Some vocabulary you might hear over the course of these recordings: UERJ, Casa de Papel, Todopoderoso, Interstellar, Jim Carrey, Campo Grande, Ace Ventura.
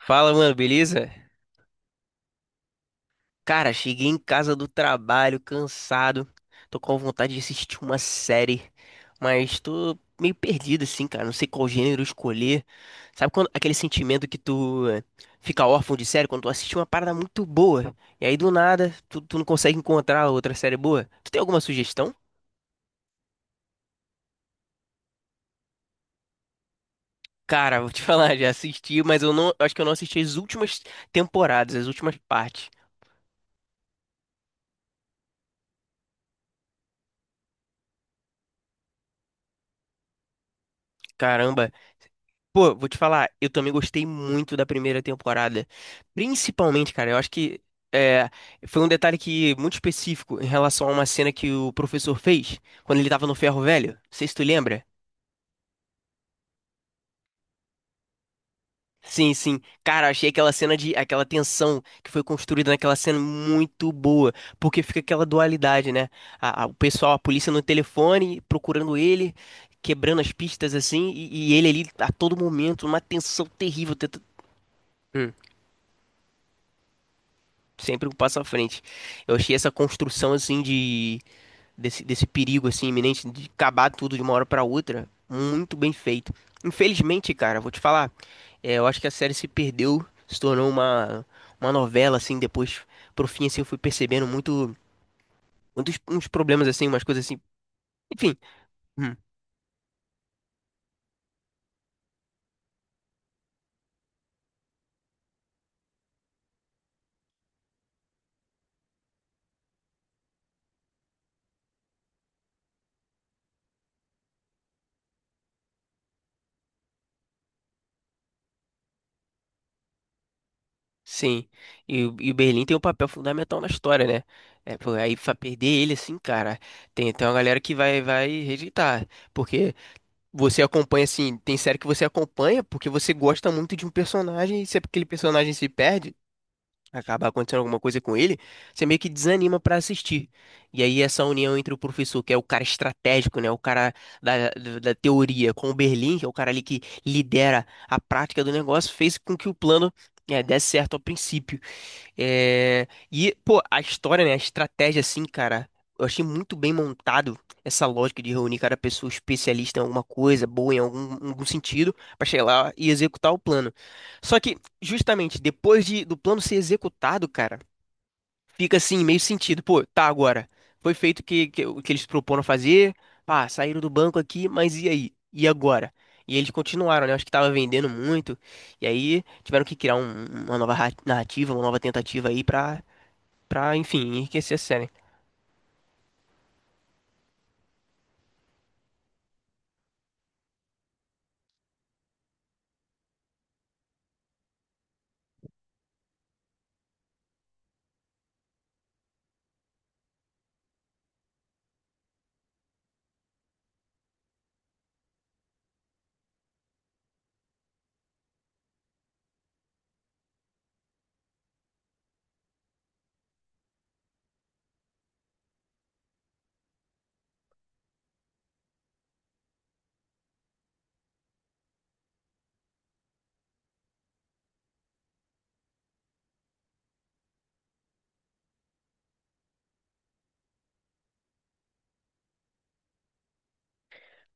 Fala, mano, beleza? Cara, cheguei em casa do trabalho, cansado. Tô com vontade de assistir uma série, mas tô meio perdido assim, cara. Não sei qual gênero escolher. Sabe quando aquele sentimento que tu fica órfão de série quando tu assiste uma parada muito boa e aí do nada tu não consegue encontrar outra série boa? Tu tem alguma sugestão? Cara, vou te falar, já assisti, mas eu acho que eu não assisti as últimas temporadas, as últimas partes. Caramba. Pô, vou te falar, eu também gostei muito da primeira temporada. Principalmente, cara, eu acho que é, foi um detalhe que muito específico em relação a uma cena que o professor fez quando ele tava no ferro velho. Não sei se tu lembra. Sim, sim. Cara, achei aquela tensão que foi construída naquela cena muito boa, porque fica aquela dualidade, né? O pessoal, a polícia no telefone procurando ele, quebrando as pistas assim, e ele ali a todo momento, uma tensão terrível. Hum. Sempre um passo à frente. Eu achei essa construção assim de desse perigo assim iminente de acabar tudo de uma hora pra outra muito bem feito. Infelizmente, cara, vou te falar, eu acho que a série se perdeu, se tornou uma novela assim depois pro fim assim eu fui percebendo muitos uns problemas assim, umas coisas assim. Enfim, hum. Sim. E, e o Berlim tem um papel fundamental na história, né? É, pô, aí pra perder ele assim, cara, tem, tem uma galera que vai rejeitar. Porque você acompanha, assim, tem série que você acompanha porque você gosta muito de um personagem e se aquele personagem se perde, acaba acontecendo alguma coisa com ele, você meio que desanima pra assistir. E aí essa união entre o professor, que é o cara estratégico, né, o cara da teoria, com o Berlim, que é o cara ali que lidera a prática do negócio, fez com que o plano, desse certo ao princípio. É, e, pô, a história, né? A estratégia, assim, cara, eu achei muito bem montado essa lógica de reunir cada pessoa especialista em alguma coisa, boa em algum sentido, pra chegar lá e executar o plano. Só que, justamente, do plano ser executado, cara, fica assim, meio sentido. Pô, tá agora. Foi feito o que eles proporam fazer. Pá, saíram do banco aqui, mas e aí? E agora? E eles continuaram, né? Acho que tava vendendo muito. E aí tiveram que criar uma nova narrativa, uma nova tentativa aí pra, pra, enfim, enriquecer a série.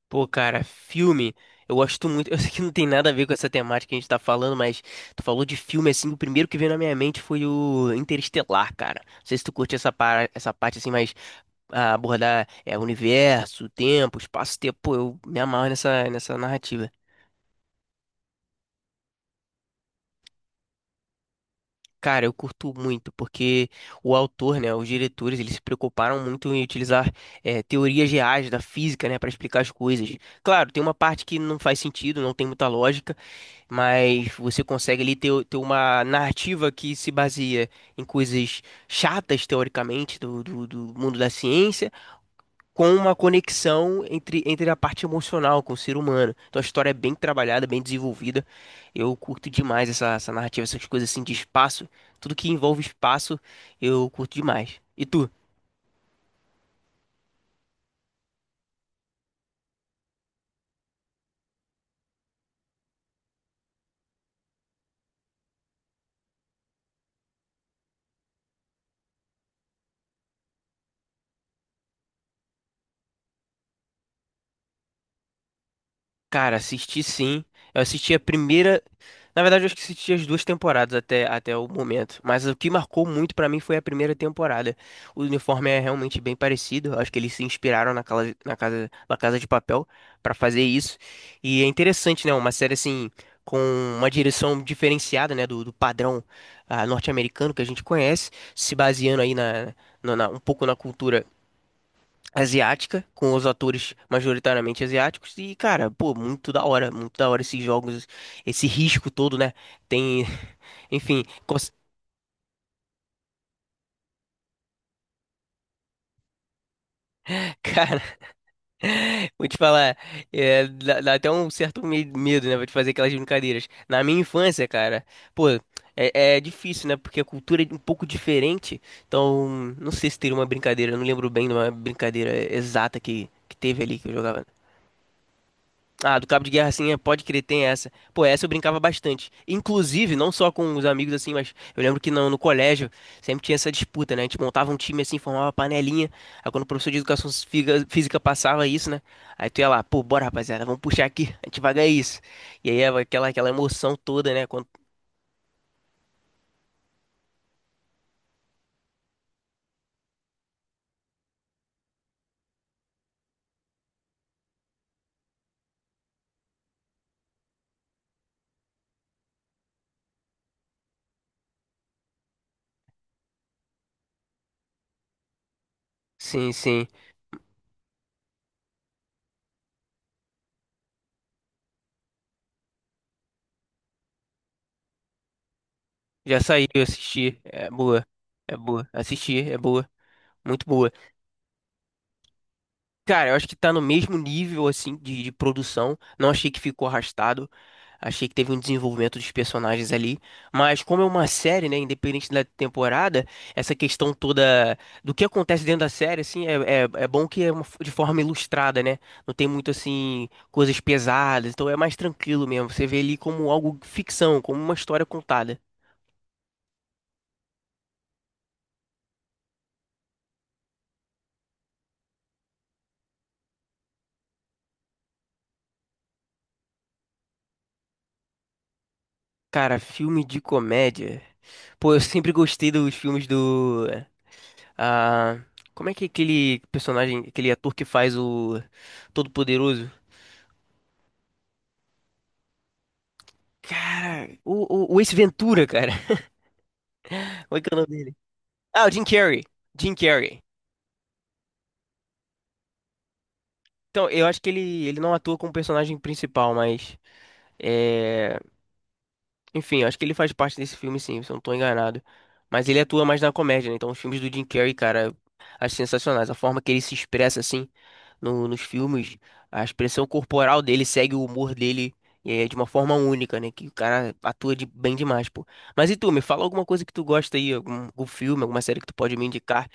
Pô, cara, filme. Eu gosto muito. Eu sei que não tem nada a ver com essa temática que a gente tá falando, mas tu falou de filme assim. O primeiro que veio na minha mente foi o Interestelar, cara. Não sei se tu curte essa parte assim, mas. A abordar universo, tempo, espaço-tempo. Pô, eu me amarro nessa narrativa. Cara, eu curto muito, porque o autor, né, os diretores, eles se preocuparam muito em utilizar teorias reais da física, né, para explicar as coisas. Claro, tem uma parte que não faz sentido, não tem muita lógica, mas você consegue ali ter uma narrativa que se baseia em coisas chatas, teoricamente, do mundo da ciência com uma conexão entre a parte emocional com o ser humano. Então a história é bem trabalhada, bem desenvolvida. Eu curto demais essa narrativa, essas coisas assim de espaço. Tudo que envolve espaço, eu curto demais. E tu? Cara, assisti sim. Eu assisti a primeira. Na verdade, eu acho que assisti as duas temporadas até, até o momento. Mas o que marcou muito pra mim foi a primeira temporada. O uniforme é realmente bem parecido. Eu acho que eles se inspiraram na Casa de Papel pra fazer isso. E é interessante, né? Uma série assim, com uma direção diferenciada, né? Do padrão norte-americano que a gente conhece, se baseando aí na, um pouco na cultura asiática, com os atores majoritariamente asiáticos, e, cara, pô, muito da hora esses jogos, esse risco todo, né? Tem, enfim, cons- cara, vou te falar, é, dá até um certo medo, né? Vou te fazer aquelas brincadeiras. Na minha infância, cara, pô. É, é difícil, né? Porque a cultura é um pouco diferente. Então, não sei se teria uma brincadeira. Eu não lembro bem de uma brincadeira exata que teve ali que eu jogava. Ah, do Cabo de Guerra, assim, é, pode crer, tem essa. Pô, essa eu brincava bastante. Inclusive, não só com os amigos, assim, mas eu lembro que no colégio sempre tinha essa disputa, né? A gente montava um time, assim, formava uma panelinha. Aí quando o professor de educação física passava isso, né? Aí tu ia lá, pô, bora, rapaziada, vamos puxar aqui, a gente vai ganhar isso. E aí é aquela emoção toda, né? Quando... Sim, sim. Já saiu, eu assisti. É boa, é boa. Assisti, é boa. Muito boa. Cara, eu acho que tá no mesmo nível, assim, de produção. Não achei que ficou arrastado. Achei que teve um desenvolvimento dos personagens ali. Mas como é uma série, né, independente da temporada, essa questão toda do que acontece dentro da série, assim, é bom que é uma de forma ilustrada, né? Não tem muito, assim, coisas pesadas. Então é mais tranquilo mesmo. Você vê ali como algo ficção, como uma história contada. Cara, filme de comédia. Pô, eu sempre gostei dos filmes do ah, como é que é aquele personagem, aquele ator que faz o Todo-Poderoso? Cara, o Ace Ventura, cara. Como é que é o nome dele? Ah, o Jim Carrey. Jim Carrey. Então, eu acho que ele não atua como personagem principal, mas. é, Enfim, acho que ele faz parte desse filme, sim, se eu não tô enganado. Mas ele atua mais na comédia, né? Então, os filmes do Jim Carrey, cara, acho sensacionais. A forma que ele se expressa, assim, nos filmes, a expressão corporal dele segue o humor dele de uma forma única, né? Que o cara atua de, bem demais, pô. Mas e tu, me fala alguma coisa que tu gosta aí, algum, algum filme, alguma série que tu pode me indicar.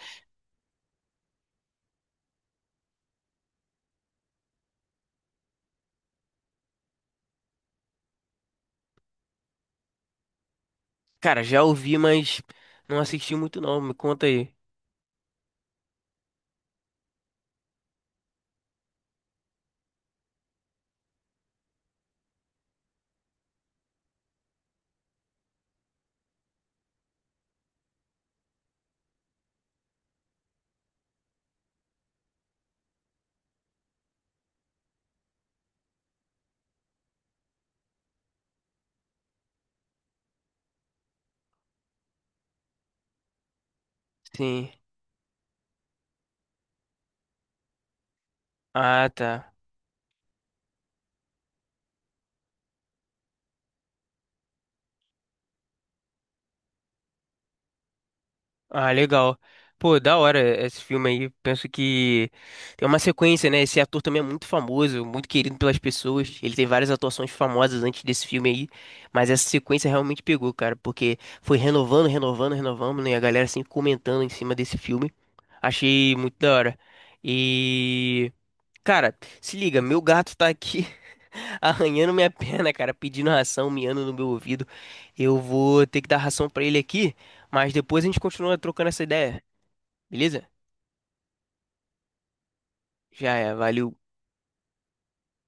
Cara, já ouvi, mas não assisti muito, não. Me conta aí. Sim. Ah, tá. Ah, legal. Pô, da hora esse filme aí. Penso que tem uma sequência, né? Esse ator também é muito famoso, muito querido pelas pessoas. Ele tem várias atuações famosas antes desse filme aí. Mas essa sequência realmente pegou, cara, porque foi renovando, renovando, renovando, né? E a galera assim comentando em cima desse filme. Achei muito da hora. E. Cara, se liga, meu gato tá aqui arranhando minha perna, cara, pedindo ração, miando no meu ouvido. Eu vou ter que dar ração pra ele aqui, mas depois a gente continua trocando essa ideia, beleza? Já é, valeu.